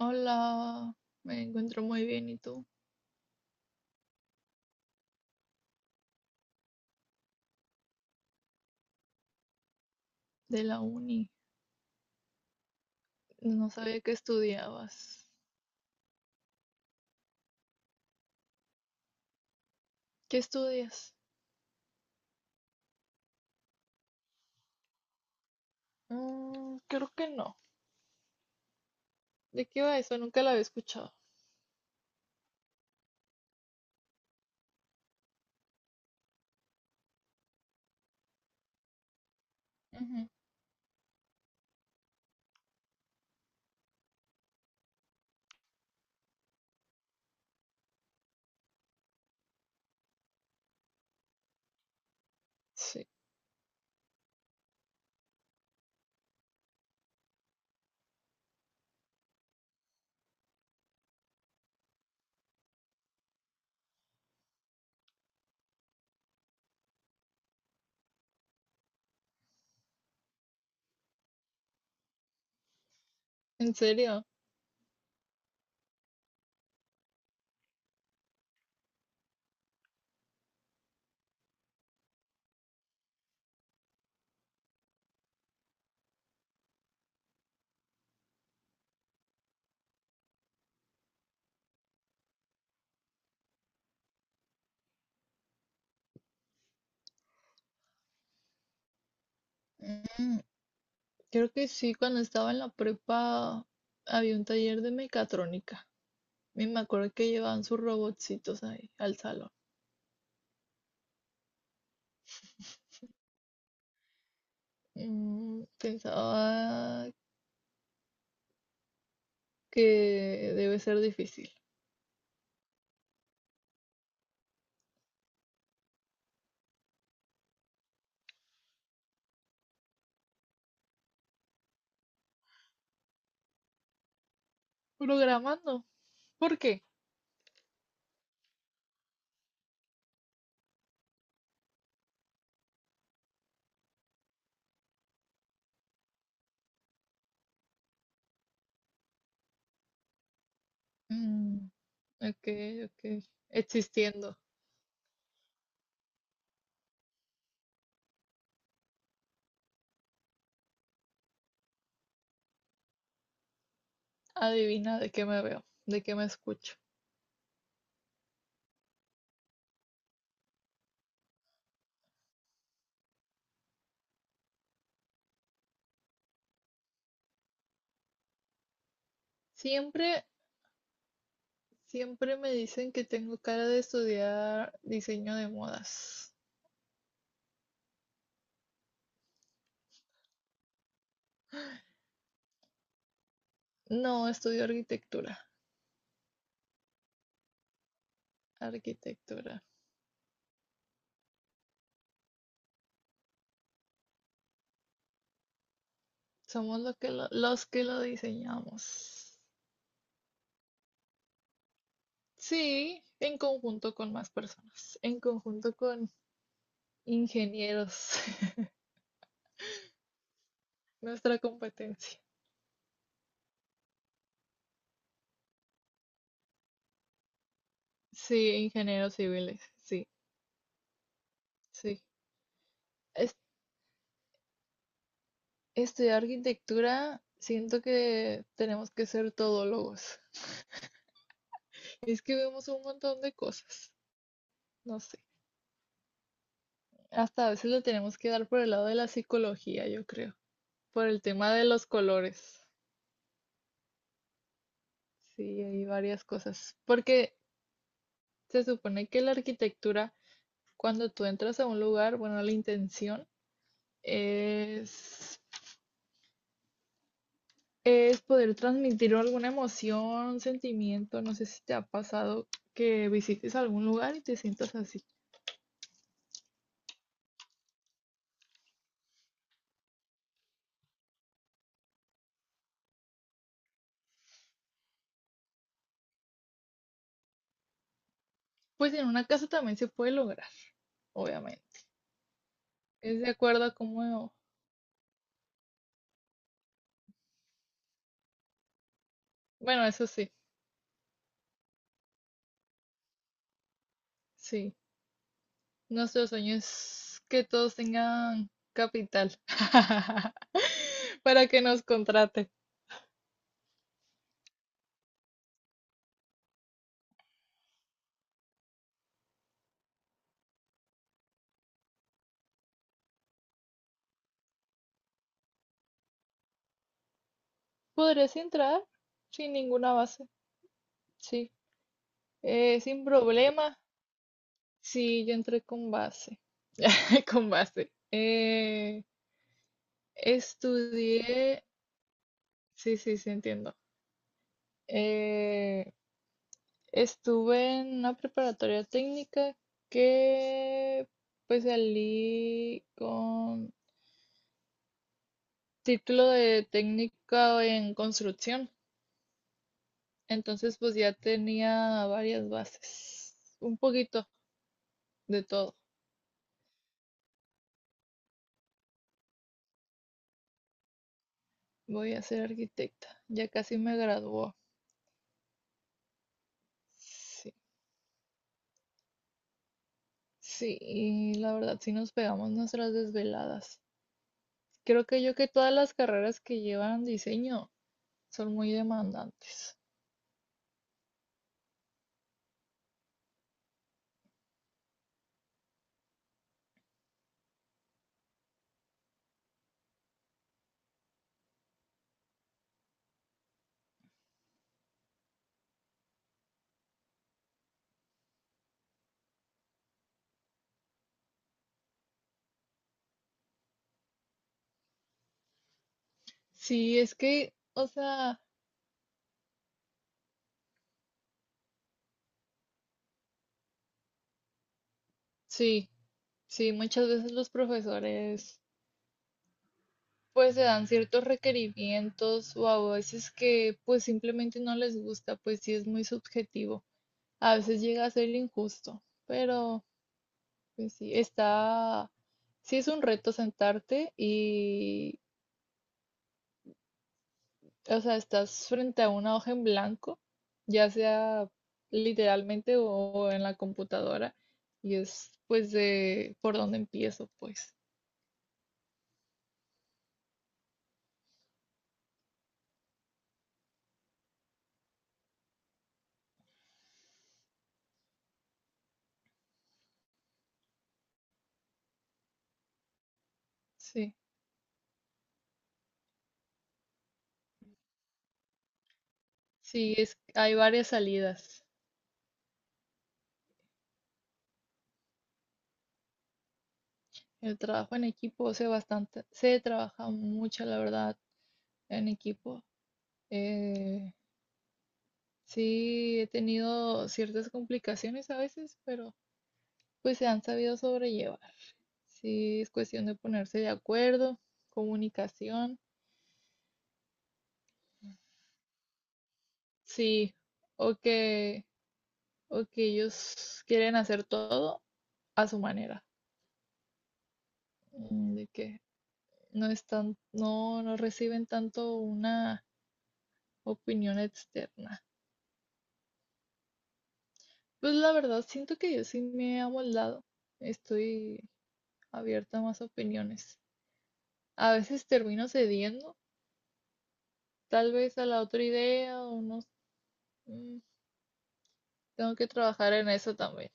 Hola, me encuentro muy bien. ¿Y tú? De la uni. No sabía que estudiabas. ¿Qué estudias? Creo que no. ¿De qué va eso? Nunca la había escuchado. Ujú. Sí. ¿En serio? Mm, Creo que sí, cuando estaba en la prepa había un taller de mecatrónica. Y me acuerdo que llevaban sus robotcitos ahí al salón. Pensaba que debe ser difícil. Programando. ¿Por qué? Mm. Ok, ok. Existiendo. Adivina de qué me veo, de qué me escucho. Siempre, siempre me dicen que tengo cara de estudiar diseño de modas. No, estudio arquitectura. Arquitectura. Somos los que lo diseñamos. Sí, en conjunto con más personas, en conjunto con ingenieros, nuestra competencia. Sí, ingenieros civiles, sí, sí. Estudiar arquitectura, siento que tenemos que ser todólogos. Es que vemos un montón de cosas, no sé. Hasta a veces lo tenemos que dar por el lado de la psicología, yo creo, por el tema de los colores. Sí, hay varias cosas. Porque se supone que la arquitectura, cuando tú entras a un lugar, bueno, la intención es, es poder transmitir alguna emoción, un sentimiento. No sé si te ha pasado que visites algún lugar y te sientas así. Pues en una casa también se puede lograr, obviamente. Es de acuerdo a cómo... Bueno, eso sí, sí. Nuestro sueño es que todos tengan capital para que nos contrate. Podrías entrar sin ninguna base, sí. Sin problema. Sí, yo entré con base. Con base. Estudié... Sí, sí, sí, entiendo. Eh, Estuve en una preparatoria técnica que pues salí con título de técnica en construcción. Entonces pues ya tenía varias bases, un poquito de todo. Voy a ser arquitecta, ya casi me graduó. Sí, sí, y la verdad sí nos pegamos nuestras desveladas. Creo que yo que todas las carreras que llevan diseño son muy demandantes. Sí, es que, o sea... Sí, sí, muchas veces los profesores pues se dan ciertos requerimientos o a veces que pues simplemente no les gusta, pues sí es muy subjetivo. A veces llega a ser injusto, pero pues sí, sí es un reto sentarte y, o sea, estás frente a una hoja en blanco, ya sea literalmente o en la computadora, y es pues de por dónde empiezo, pues, sí. Sí, es, hay varias salidas. El trabajo en equipo se bastante, se trabaja mucho, la verdad, en equipo. Eh, sí, he tenido ciertas complicaciones a veces, pero pues se han sabido sobrellevar. Sí, es cuestión de ponerse de acuerdo, comunicación, sí, o que, o que ellos quieren hacer todo a su manera, mm, de que no están, no, no reciben tanto una opinión externa. Pues la verdad, siento que yo sí me he amoldado. Estoy abierta a más opiniones. A veces termino cediendo, tal vez a la otra idea o no. Mm. Tengo que trabajar en eso también.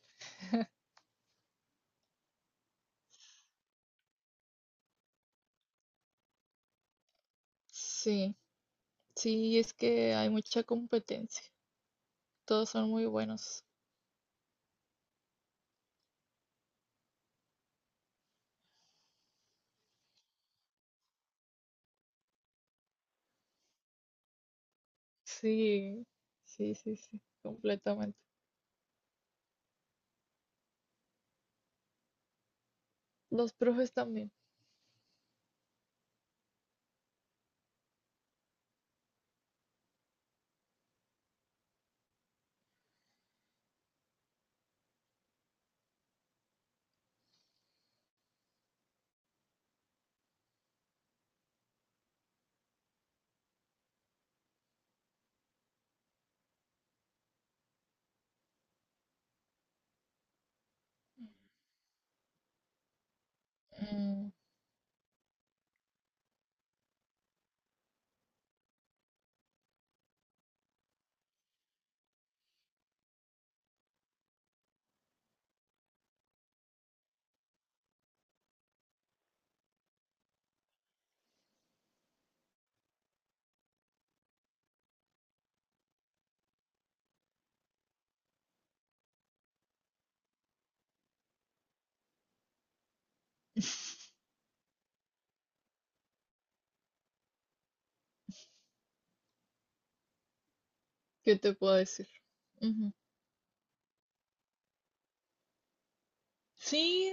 Sí, sí, es que hay mucha competencia. Todos son muy buenos. Sí, sí, sí, sí, completamente. Los profes también. Mm, ¿qué te puedo decir? Ujú. Sí,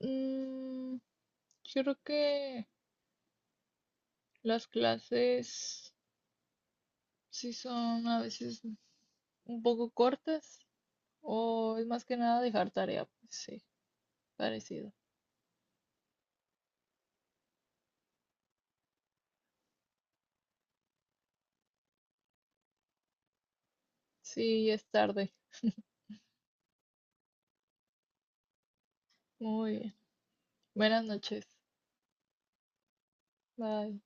mm, yo creo que las clases... Sí son a veces un poco cortas o es más que nada dejar tarea, pues. Sí, parecido. Sí, es tarde. Muy bien. Buenas noches. Bye.